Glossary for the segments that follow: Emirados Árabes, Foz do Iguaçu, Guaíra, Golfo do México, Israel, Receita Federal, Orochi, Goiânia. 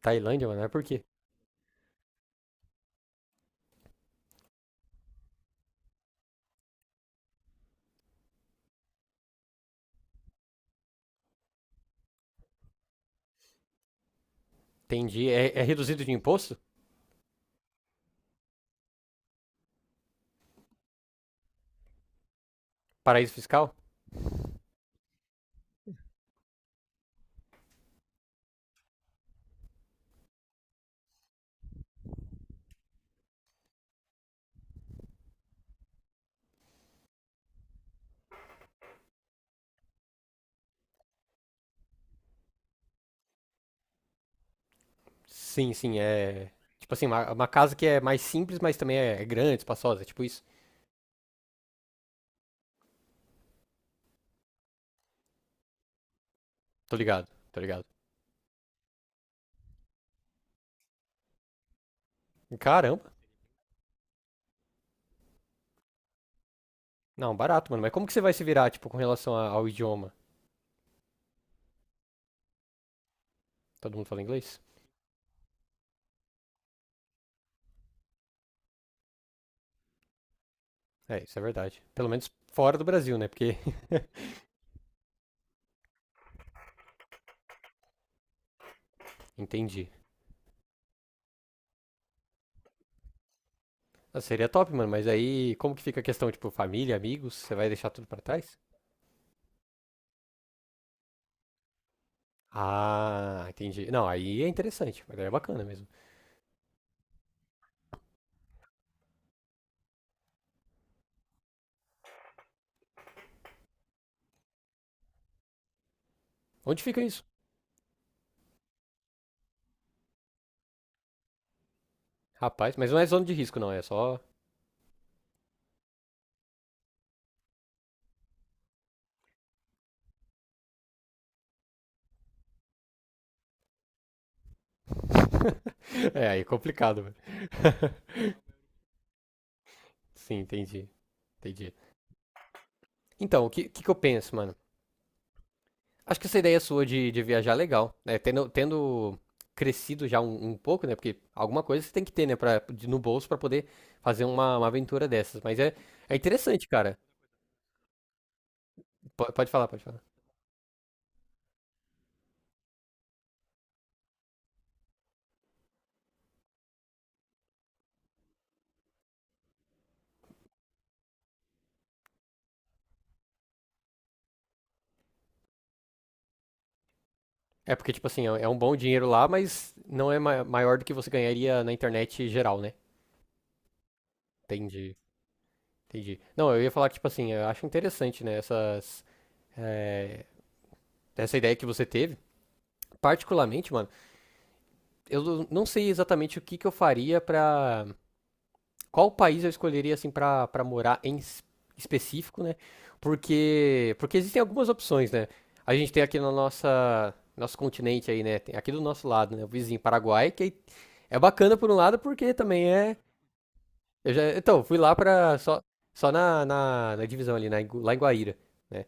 Tailândia, mano, é por quê? Entendi. É reduzido de imposto? Paraíso fiscal? Sim, sim, é. Tipo assim, uma casa que é mais simples, mas também é grande, espaçosa, é tipo isso. Tô ligado, tô ligado. Caramba. Não, barato, mano. Mas como que você vai se virar, tipo, com relação ao idioma? Todo mundo fala inglês? É, isso é verdade. Pelo menos fora do Brasil, né? Porque. Entendi. Ah, seria top, mano, mas aí como que fica a questão, tipo, família, amigos? Você vai deixar tudo pra trás? Ah, entendi. Não, aí é interessante, mas aí é bacana mesmo. Onde fica isso? Rapaz, mas não é zona de risco, não, é só. É, aí é complicado, velho. Sim, entendi. Entendi. Então, que eu penso, mano? Acho que essa ideia sua de viajar é legal, né? Tendo crescido já um pouco, né? Porque alguma coisa você tem que ter, né? No bolso pra poder fazer uma aventura dessas. Mas é interessante, cara. Pode falar, pode falar. É porque, tipo assim, é um bom dinheiro lá, mas não é maior do que você ganharia na internet geral, né? Entendi. Entendi. Não, eu ia falar que, tipo assim, eu acho interessante, né, eh, essa ideia que você teve. Particularmente, mano, eu não sei exatamente o que que eu faria pra. Qual país eu escolheria, assim, pra morar em específico, né? Porque existem algumas opções, né? A gente tem aqui na nosso continente aí, né? Tem aqui do nosso lado, né? O vizinho Paraguai, que é bacana por um lado, porque também é. Eu já, então, fui lá pra. Só na, na divisão ali, lá em Guaíra, né?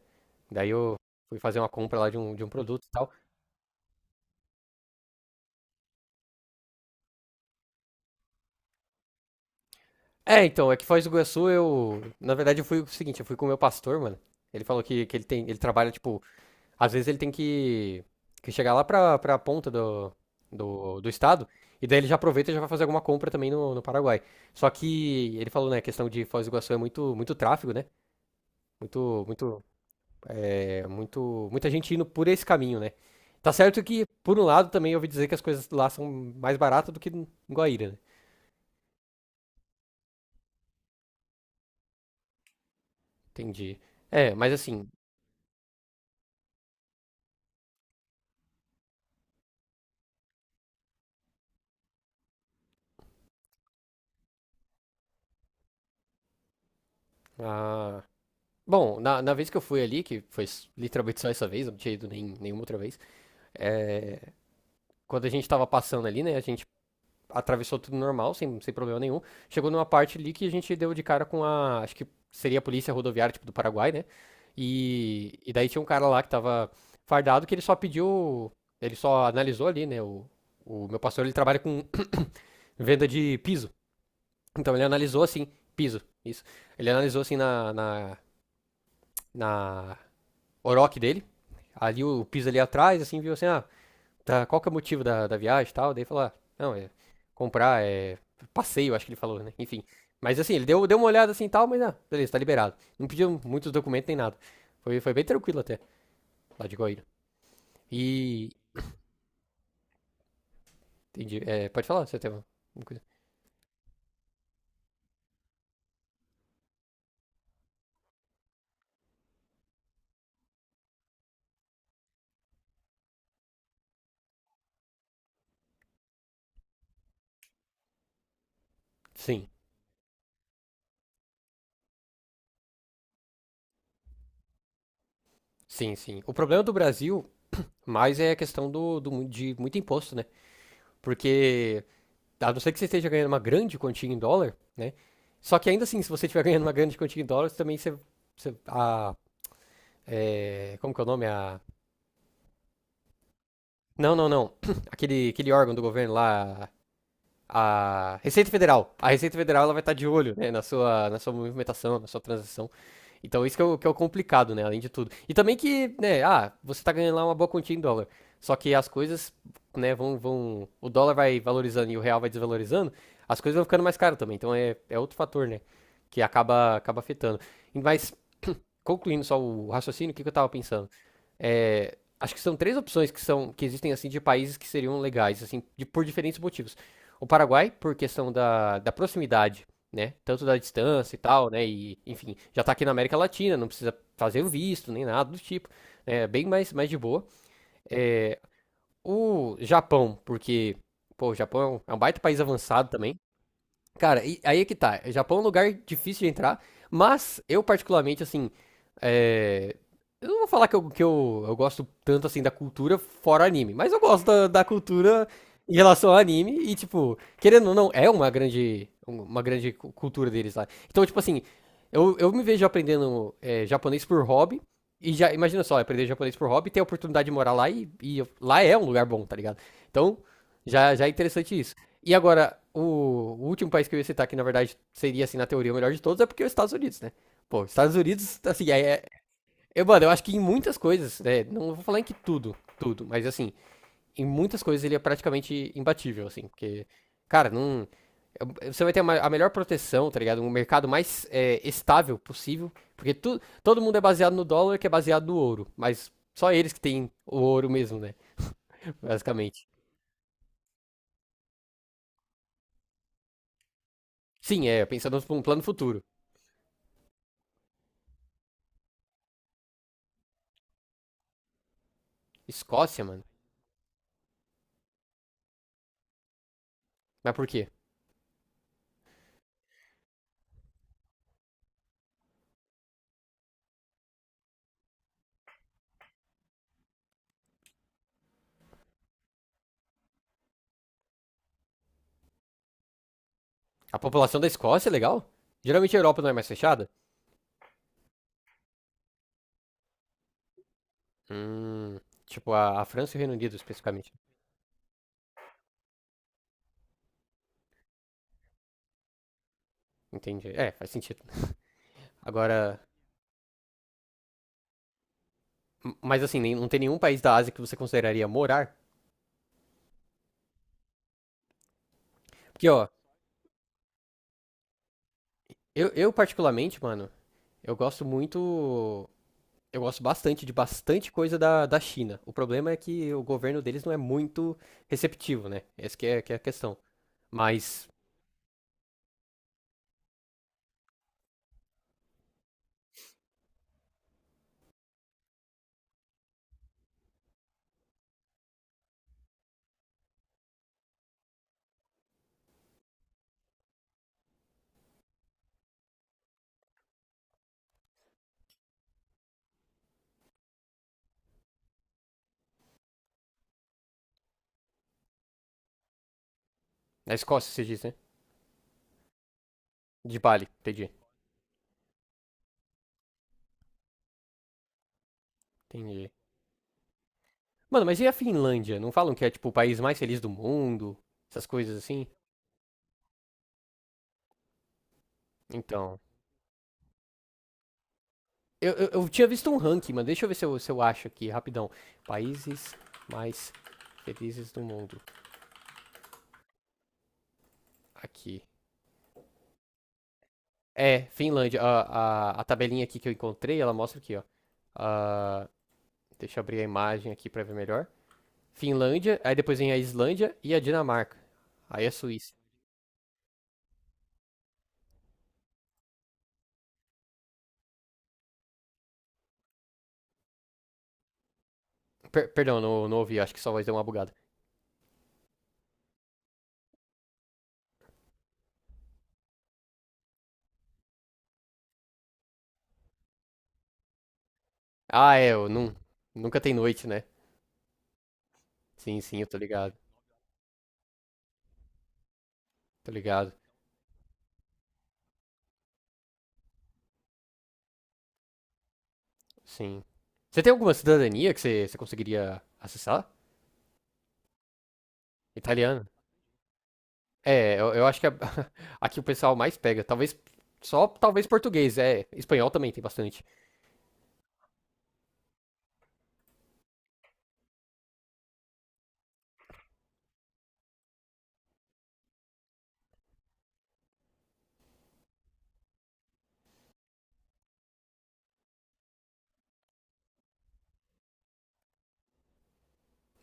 Daí eu fui fazer uma compra lá de de um produto e tal. É, então, é que Foz do Iguaçu eu. Na verdade, eu fui o seguinte, eu fui com o meu pastor, mano. Ele falou que, ele tem. Ele trabalha, tipo, às vezes ele tem que chegar lá pra, ponta do, do, do estado. E daí ele já aproveita e já vai fazer alguma compra também no Paraguai. Só que ele falou, né, a questão de Foz do Iguaçu é muito, muito tráfego, né? Muito, muito, muita gente indo por esse caminho, né? Tá certo que, por um lado, também eu ouvi dizer que as coisas lá são mais baratas do que em Guaíra, né? Entendi. É, mas assim, ah, bom, na vez que eu fui ali, que foi literalmente só essa vez, eu não tinha ido nem, nenhuma outra vez, é, quando a gente tava passando ali, né, a gente atravessou tudo normal, sem problema nenhum, chegou numa parte ali que a gente deu de cara com a, acho que seria a polícia rodoviária, tipo, do Paraguai, né, e daí tinha um cara lá que tava fardado que ele só pediu, ele só analisou ali, né, o meu pastor, ele trabalha com venda de piso, então ele analisou assim, piso, isso, ele analisou assim na na Orochi dele. Ali o piso ali atrás, assim, viu assim, ah, tá, qual que é o motivo da viagem e tal. Daí falou, ah, não, é comprar, é passeio, acho que ele falou, né? Enfim. Mas assim, ele deu, uma olhada assim e tal, mas ah, beleza, tá liberado. Não pediu muitos documentos nem nada. Foi bem tranquilo até, lá de Goiânia. E. Entendi. É, pode falar, você tem uma coisa? Sim, sim, sim. O problema do Brasil mais é a questão de muito imposto, né? Porque a não ser que você esteja ganhando uma grande quantia em dólar, né? Só que ainda assim, se você estiver ganhando uma grande quantia em dólares, também você. Você- a, é, como que é o nome? Não, não, não. Aquele órgão do governo lá. A Receita Federal. A Receita Federal ela vai estar de olho, né, na sua, movimentação, na sua transação. Então isso que é, que é o complicado, né? Além de tudo. E também que, né, ah, você tá ganhando lá uma boa quantia em dólar. Só que as coisas, né, vão. O dólar vai valorizando e o real vai desvalorizando, as coisas vão ficando mais caras também. Então é outro fator, né? Que acaba afetando. Mas, concluindo só o raciocínio, o que, que eu tava pensando? É, acho que são três opções que existem assim de países que seriam legais assim por diferentes motivos. O Paraguai, por questão da proximidade, né, tanto da distância e tal, né, e enfim já tá aqui na América Latina, não precisa fazer o visto nem nada do tipo, né, é bem mais de boa. É, o Japão, porque pô, o Japão é é um baita país avançado também. Cara, aí é que tá. Japão é um lugar difícil de entrar, mas eu particularmente, assim, é, eu não vou falar que eu gosto tanto, assim, da cultura fora anime, mas eu gosto da cultura em relação ao anime e, tipo, querendo ou não, é uma grande cultura deles lá. Então, tipo assim, eu me vejo aprendendo japonês por hobby e já, imagina só, aprender japonês por hobby, ter a oportunidade de morar lá lá é um lugar bom, tá ligado? Então, já, já é interessante isso. E agora, o último país que eu ia citar, que na verdade seria, assim, na teoria o melhor de todos, é porque é os Estados Unidos, né? Pô, Estados Unidos, assim, é. Eu, mano, eu acho que em muitas coisas, né, não vou falar em que tudo, tudo, mas assim, em muitas coisas ele é praticamente imbatível, assim, porque, cara, não, você vai ter a melhor proteção, tá ligado? Um mercado mais estável possível, porque todo mundo é baseado no dólar, que é baseado no ouro, mas só eles que têm o ouro mesmo, né, basicamente. Sim, é, pensando num plano futuro. Escócia, mano, mas por quê? A população da Escócia é legal? Geralmente a Europa não é mais fechada? Hum, tipo a França e o Reino Unido especificamente. Entendi. É, faz sentido. Agora, mas assim, não tem nenhum país da Ásia que você consideraria morar? Porque, ó, eu particularmente, mano, eu gosto muito. Eu gosto bastante de bastante coisa da China. O problema é que o governo deles não é muito receptivo, né? Essa que é a questão. Mas, na Escócia se diz, né? De Bali, entendi. Entendi. Mano, mas e a Finlândia? Não falam que é, tipo, o país mais feliz do mundo? Essas coisas assim? Então. Eu tinha visto um ranking, mano. Deixa eu ver se eu acho aqui, rapidão. Países mais felizes do mundo. Aqui. É, Finlândia. A tabelinha aqui que eu encontrei, ela mostra aqui, ó. Ah, deixa eu abrir a imagem aqui pra ver melhor. Finlândia, aí depois vem a Islândia e a Dinamarca. Aí a Suíça. Perdão, não ouvi, acho que só vai dar uma bugada. Ah, é, eu não, nunca tem noite, né? Sim, sim, eu tô ligado. Tá ligado? Sim. Você tem alguma cidadania que você conseguiria acessar? Italiana? É, eu acho que aqui o pessoal mais pega. Talvez. Só talvez português. É, espanhol também tem bastante.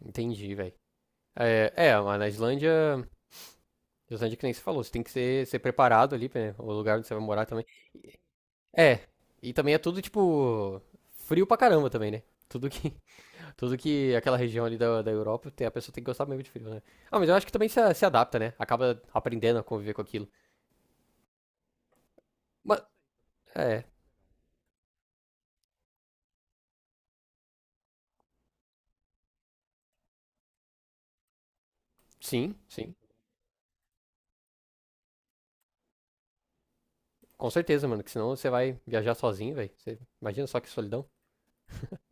Entendi, velho. Mas na Islândia. Na Islândia, que nem você falou, você tem que ser preparado ali, né? O lugar onde você vai morar também. É. E também é tudo, tipo. Frio pra caramba também, né? Tudo que. Tudo que aquela região ali da Europa, tem, a pessoa tem que gostar mesmo de frio, né? Ah, mas eu acho que também se adapta, né? Acaba aprendendo a conviver com aquilo. Mas, é, sim, sim. Com certeza, mano, que senão você vai viajar sozinho, velho. Imagina só que solidão.